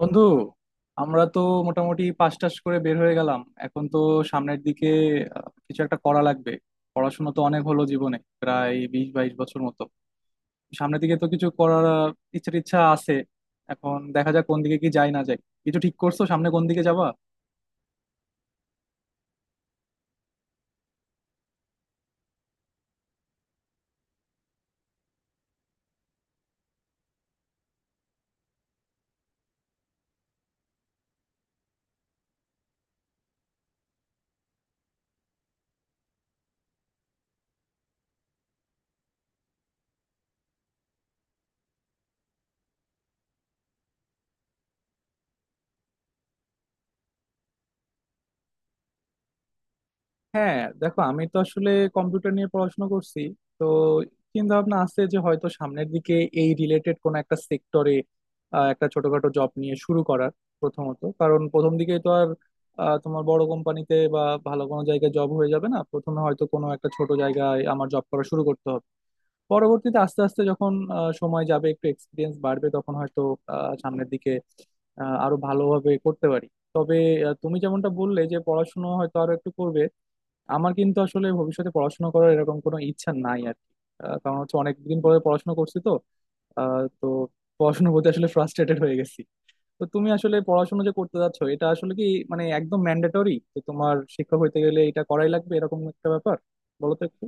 বন্ধু, আমরা তো মোটামুটি পাশ টাশ করে বের হয়ে গেলাম। এখন তো সামনের দিকে কিছু একটা করা লাগবে। পড়াশোনা তো অনেক হলো জীবনে, প্রায় বিশ বাইশ বছর মতো। সামনের দিকে তো কিছু করার ইচ্ছা টিচ্ছা আছে। এখন দেখা যাক কোন দিকে কি যায় না যায়। কিছু ঠিক করছো সামনে কোন দিকে যাবা? হ্যাঁ, দেখো, আমি তো আসলে কম্পিউটার নিয়ে পড়াশোনা করছি। তো চিন্তা ভাবনা আছে যে হয়তো সামনের দিকে এই রিলেটেড কোন একটা সেক্টরে একটা ছোটখাটো জব নিয়ে শুরু করার। প্রথমত, কারণ প্রথম দিকেই তো আর তোমার বড় কোম্পানিতে বা ভালো কোনো জায়গায় জব হয়ে যাবে না। প্রথমে হয়তো কোনো একটা ছোট জায়গায় আমার জব করা শুরু করতে হবে। পরবর্তীতে, আস্তে আস্তে যখন সময় যাবে, একটু এক্সপিরিয়েন্স বাড়বে, তখন হয়তো সামনের দিকে আরো ভালোভাবে করতে পারি। তবে তুমি যেমনটা বললে যে পড়াশোনা হয়তো আরো একটু করবে। আমার কিন্তু আসলে ভবিষ্যতে পড়াশোনা করার এরকম কোনো ইচ্ছা নাই আর কি। কারণ হচ্ছে অনেকদিন পরে পড়াশোনা করছি তো। তো পড়াশোনার প্রতি আসলে ফ্রাস্ট্রেটেড হয়ে গেছি। তো তুমি আসলে পড়াশোনা যে করতে যাচ্ছ, এটা আসলে কি মানে একদম ম্যান্ডেটরি যে তোমার শিক্ষক হইতে গেলে এটা করাই লাগবে এরকম একটা ব্যাপার? বলো তো একটু।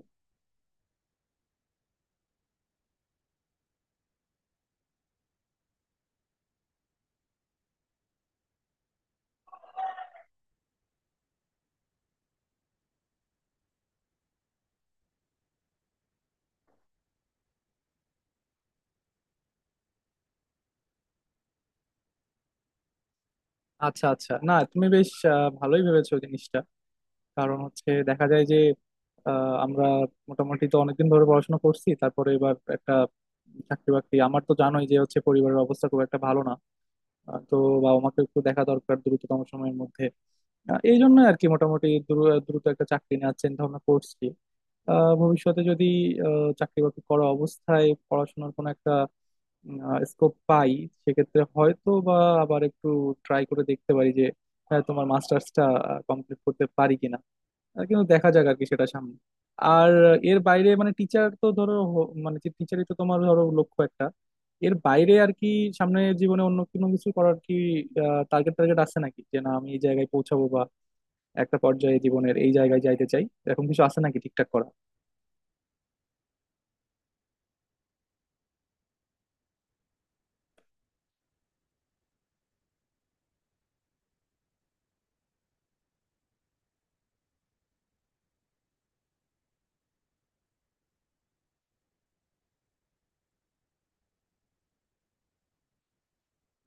আচ্ছা, আচ্ছা, না তুমি বেশ ভালোই ভেবেছো জিনিসটা। কারণ হচ্ছে দেখা যায় যে আমরা মোটামুটি তো অনেকদিন ধরে পড়াশোনা করছি। তারপরে এবার একটা চাকরি বাকরি। আমার তো জানোই যে হচ্ছে পরিবারের অবস্থা খুব একটা ভালো না। তো বাবা মাকে একটু দেখা দরকার দ্রুততম সময়ের মধ্যে। এই জন্য আর কি মোটামুটি দ্রুত একটা চাকরি নেওয়ার চিন্তা ভাবনা করছি। ভবিষ্যতে যদি চাকরি বাকরি করা অবস্থায় পড়াশোনার কোনো একটা স্কোপ পাই, সেক্ষেত্রে হয়তো বা আবার একটু ট্রাই করে দেখতে পারি যে হ্যাঁ তোমার মাস্টার্সটা কমপ্লিট করতে পারি কিনা। আর কিন্তু দেখা যাক আর কি সেটা সামনে। আর এর বাইরে মানে টিচার তো ধরো মানে যে টিচারই তো তোমার ধরো লক্ষ্য একটা। এর বাইরে আর কি সামনের জীবনে অন্য কোনো কিছু করার কি টার্গেট টার্গেট আছে নাকি? যে না, আমি এই জায়গায় পৌঁছাবো বা একটা পর্যায়ে জীবনের এই জায়গায় যাইতে চাই এরকম কিছু আছে নাকি ঠিকঠাক করা?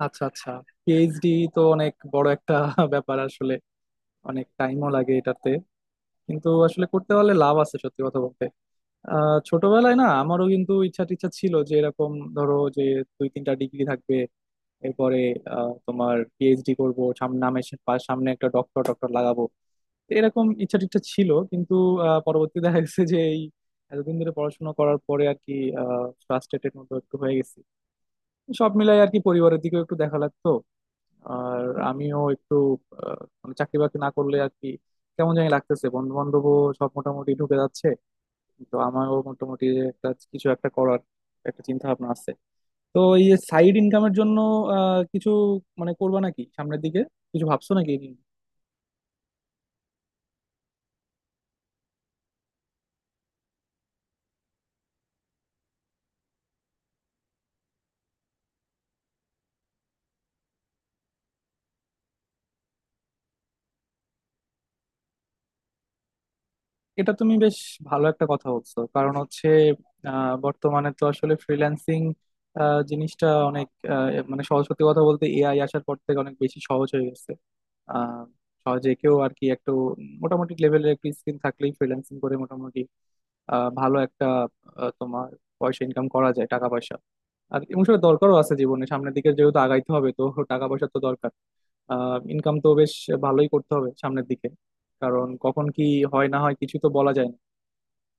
আচ্ছা, আচ্ছা, পিএইচডি তো অনেক বড় একটা ব্যাপার আসলে। অনেক টাইমও লাগে এটাতে। কিন্তু আসলে করতে পারলে লাভ আছে সত্যি কথা বলতে। ছোটবেলায় না আমারও কিন্তু ইচ্ছা টিচ্ছা ছিল, যে এরকম ধরো যে দুই তিনটা ডিগ্রি থাকবে, এরপরে তোমার পিএইচডি করবো, সামনে নামের সামনে একটা ডক্টর ডক্টর লাগাবো। এরকম ইচ্ছা টিচ্ছা ছিল। কিন্তু পরবর্তীতে দেখা গেছে যে এই এতদিন ধরে পড়াশোনা করার পরে আর কি ফ্রাস্ট্রেটেড মতো একটু হয়ে গেছি। সব মিলাই আর কি পরিবারের দিকেও একটু দেখা লাগতো। আর আমিও একটু মানে চাকরি বাকরি না করলে আর কি কেমন জানি লাগতেছে। বন্ধু বান্ধবও সব মোটামুটি ঢুকে যাচ্ছে। তো আমারও মোটামুটি একটা কিছু একটা করার একটা চিন্তা ভাবনা আছে। তো এই যে সাইড ইনকামের জন্য কিছু মানে করবা নাকি সামনের দিকে? কিছু ভাবছো নাকি এই নিয়ে? এটা তুমি বেশ ভালো একটা কথা বলছো, কারণ হচ্ছে বর্তমানে তো আসলে ফ্রিল্যান্সিং জিনিসটা অনেক মানে সহজ সত্যি কথা বলতে এআই আসার পর থেকে অনেক বেশি সহজ হয়ে গেছে। আহ সহজে কেউ আর কি একটু মোটামুটি লেভেলের একটু স্কিল থাকলেই ফ্রিল্যান্সিং করে মোটামুটি ভালো একটা তোমার পয়সা ইনকাম করা যায় টাকা পয়সা। আর এবং সেটা দরকারও আছে জীবনে, সামনের দিকে যেহেতু আগাইতে হবে তো টাকা পয়সা তো দরকার। ইনকাম তো বেশ ভালোই করতে হবে সামনের দিকে, কারণ কখন কি হয় না হয় কিছু তো বলা যায় না।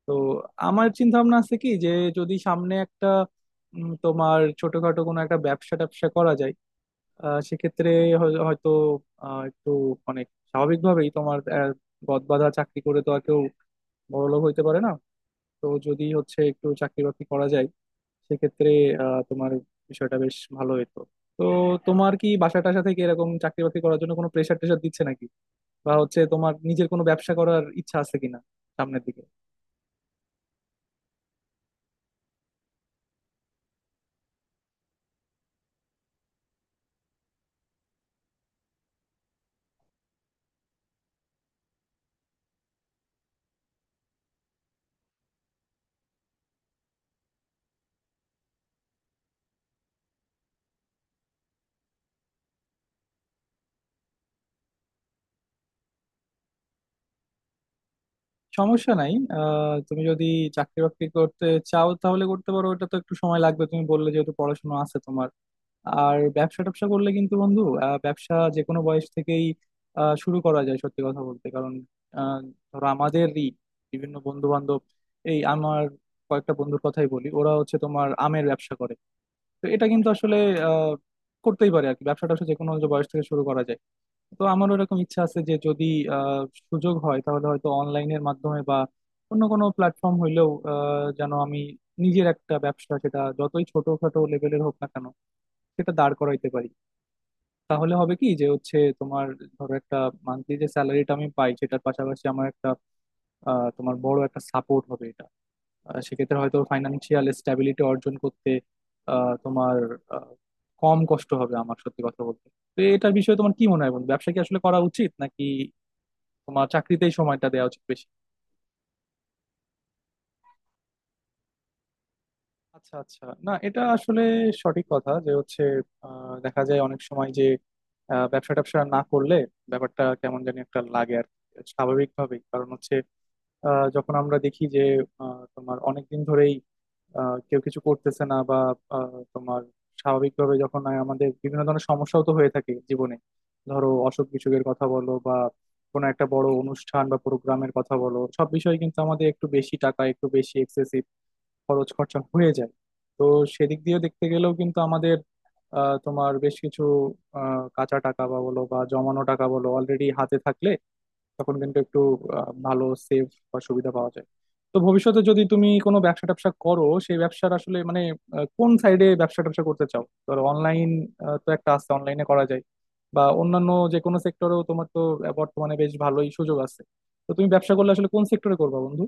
তো আমার চিন্তা ভাবনা আছে কি যে যদি সামনে একটা তোমার ছোটখাটো কোনো একটা ব্যবসা ট্যাবসা করা যায়, সেক্ষেত্রে হয়তো একটু মানে স্বাভাবিকভাবেই তোমার গদ বাঁধা চাকরি করে তো আর কেউ বড়লোক হইতে পারে না। তো যদি হচ্ছে একটু চাকরি বাকরি করা যায় সেক্ষেত্রে তোমার বিষয়টা বেশ ভালো হতো। তো তোমার কি বাসা টাসা থেকে এরকম চাকরি বাকরি করার জন্য কোনো প্রেশার টেশার দিচ্ছে নাকি? বা হচ্ছে তোমার নিজের কোনো ব্যবসা করার ইচ্ছা আছে কিনা সামনের দিকে? সমস্যা নাই। তুমি যদি চাকরি বাকরি করতে চাও তাহলে করতে পারো। ওটা তো একটু সময় লাগবে তুমি বললে, যেহেতু পড়াশোনা আছে তোমার। আর ব্যবসা ট্যাবসা করলে কিন্তু বন্ধু, ব্যবসা যে কোনো বয়স থেকেই শুরু করা যায় সত্যি কথা বলতে। কারণ আহ, ধরো আমাদেরই বিভিন্ন বন্ধু বান্ধব, এই আমার কয়েকটা বন্ধুর কথাই বলি, ওরা হচ্ছে তোমার আমের ব্যবসা করে। তো এটা কিন্তু আসলে আহ, করতেই পারে আর কি, ব্যবসা ট্যাবসা যে কোনো বয়স থেকে শুরু করা যায়। তো আমারও এরকম ইচ্ছা আছে যে যদি আহ, সুযোগ হয় তাহলে হয়তো অনলাইনের মাধ্যমে বা অন্য কোনো প্ল্যাটফর্ম হইলেও যেন আমি নিজের একটা ব্যবসা, সেটা যতই ছোটখাটো লেভেলের হোক না কেন, সেটা দাঁড় করাইতে পারি। তাহলে হবে কি যে হচ্ছে তোমার ধরো একটা মান্থলি যে স্যালারিটা আমি পাই সেটার পাশাপাশি আমার একটা তোমার বড় একটা সাপোর্ট হবে এটা। সেক্ষেত্রে হয়তো ফাইন্যান্সিয়াল স্ট্যাবিলিটি অর্জন করতে তোমার আহ, কম কষ্ট হবে আমার সত্যি কথা বলতে। তো এটার বিষয়ে তোমার কি মনে হয় বন্ধু? ব্যবসা কি আসলে করা উচিত নাকি তোমার চাকরিতেই সময়টা দেওয়া উচিত বেশি? আচ্ছা, আচ্ছা, না এটা আসলে সঠিক কথা যে হচ্ছে দেখা যায় অনেক সময় যে ব্যবসা ট্যাবসা না করলে ব্যাপারটা কেমন জানি একটা লাগে আর কি। স্বাভাবিকভাবেই কারণ হচ্ছে যখন আমরা দেখি যে তোমার অনেক দিন ধরেই কেউ কিছু করতেছে না বা তোমার স্বাভাবিকভাবে যখন আয় আমাদের বিভিন্ন ধরনের সমস্যাও তো হয়ে থাকে জীবনে। ধরো, অসুখ বিসুখের কথা বলো বা কোনো একটা বড় অনুষ্ঠান বা প্রোগ্রামের কথা বলো, সব বিষয়ে কিন্তু আমাদের একটু বেশি টাকা, একটু বেশি এক্সেসিভ খরচ খরচা হয়ে যায়। তো সেদিক দিয়ে দেখতে গেলেও কিন্তু আমাদের তোমার বেশ কিছু কাঁচা টাকা বা বলো বা জমানো টাকা বলো অলরেডি হাতে থাকলে, তখন কিন্তু একটু ভালো সেফ বা সুবিধা পাওয়া যায়। তো ভবিষ্যতে যদি তুমি কোনো ব্যবসা ট্যাবসা করো সেই ব্যবসার আসলে মানে কোন সাইডে ব্যবসা ট্যাবসা করতে চাও? ধরো, অনলাইন। তো একটা আছে অনলাইনে করা যায় বা অন্যান্য যে কোনো সেক্টরেও তোমার তো বর্তমানে বেশ ভালোই সুযোগ আছে। তো তুমি ব্যবসা করলে আসলে কোন সেক্টরে করবা বন্ধু?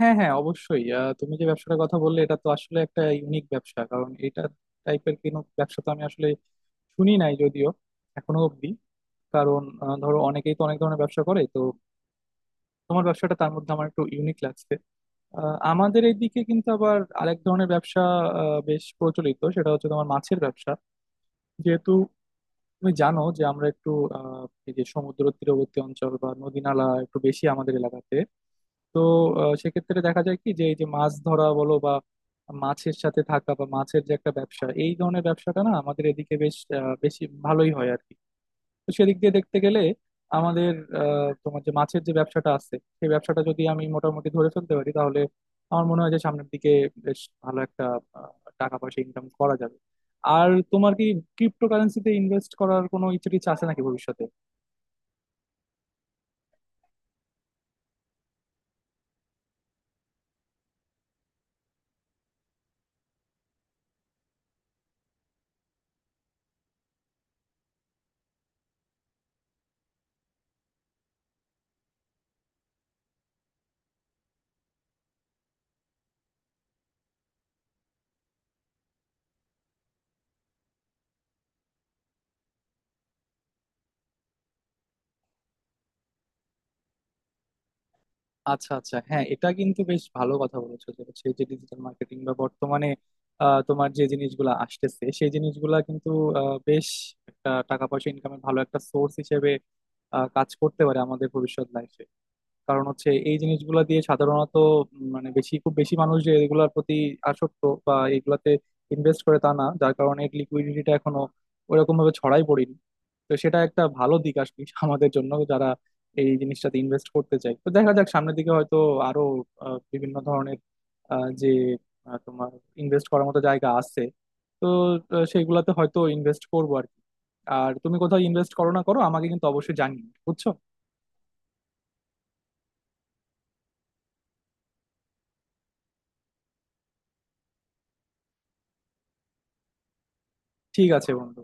হ্যাঁ, হ্যাঁ, অবশ্যই। তুমি যে ব্যবসাটার কথা বললে, এটা তো আসলে একটা ইউনিক ব্যবসা। কারণ এটা টাইপের কোনো ব্যবসা তো আমি আসলে শুনি নাই যদিও এখনো অব্দি। কারণ ধরো অনেকেই তো অনেক ধরনের ব্যবসা করে, তো তোমার ব্যবসাটা তার মধ্যে আমার একটু ইউনিক লাগছে। আমাদের এইদিকে কিন্তু আবার আরেক ধরনের ব্যবসা বেশ প্রচলিত, সেটা হচ্ছে তোমার মাছের ব্যবসা। যেহেতু তুমি জানো যে আমরা একটু আহ, এই যে সমুদ্র তীরবর্তী অঞ্চল বা নদী নালা একটু বেশি আমাদের এলাকাতে। তো সেক্ষেত্রে দেখা যায় কি যে এই যে মাছ ধরা বলো বা মাছের সাথে থাকা বা মাছের যে একটা ব্যবসা, এই ধরনের ব্যবসাটা না আমাদের এদিকে বেশ বেশি ভালোই হয় আর কি। তো সেদিক দিয়ে দেখতে গেলে আমাদের তোমার যে মাছের যে ব্যবসাটা আছে সেই ব্যবসাটা যদি আমি মোটামুটি ধরে ফেলতে পারি তাহলে আমার মনে হয় যে সামনের দিকে বেশ ভালো একটা আহ, টাকা পয়সা ইনকাম করা যাবে। আর তোমার কি ক্রিপ্টো কারেন্সিতে ইনভেস্ট করার কোনো ইচ্ছে টিচ্ছে আছে নাকি ভবিষ্যতে? আচ্ছা, আচ্ছা, হ্যাঁ এটা কিন্তু বেশ ভালো কথা বলেছো যে হচ্ছে যে ডিজিটাল মার্কেটিং বা বর্তমানে তোমার যে জিনিসগুলো আসতেছে সেই জিনিসগুলা কিন্তু বেশ একটা টাকা পয়সা ইনকামের ভালো একটা সোর্স হিসেবে কাজ করতে পারে আমাদের ভবিষ্যৎ লাইফে। কারণ হচ্ছে এই জিনিসগুলো দিয়ে সাধারণত মানে বেশি খুব বেশি মানুষ যে এগুলোর প্রতি আসক্ত বা এগুলাতে ইনভেস্ট করে তা না, যার কারণে লিকুইডিটিটা এখনো ওরকম ভাবে ছড়াই পড়েনি। তো সেটা একটা ভালো দিক আসলে আমাদের জন্য যারা এই জিনিসটাতে ইনভেস্ট করতে চায়। তো দেখা যাক সামনের দিকে হয়তো আরো বিভিন্ন ধরনের যে তোমার ইনভেস্ট করার মতো জায়গা আছে। তো সেইগুলাতে হয়তো ইনভেস্ট করবো আর কি। আর তুমি কোথাও ইনভেস্ট করো না করো, আমাকে কিন্তু অবশ্যই জানিও, বুঝছো? ঠিক আছে বন্ধু।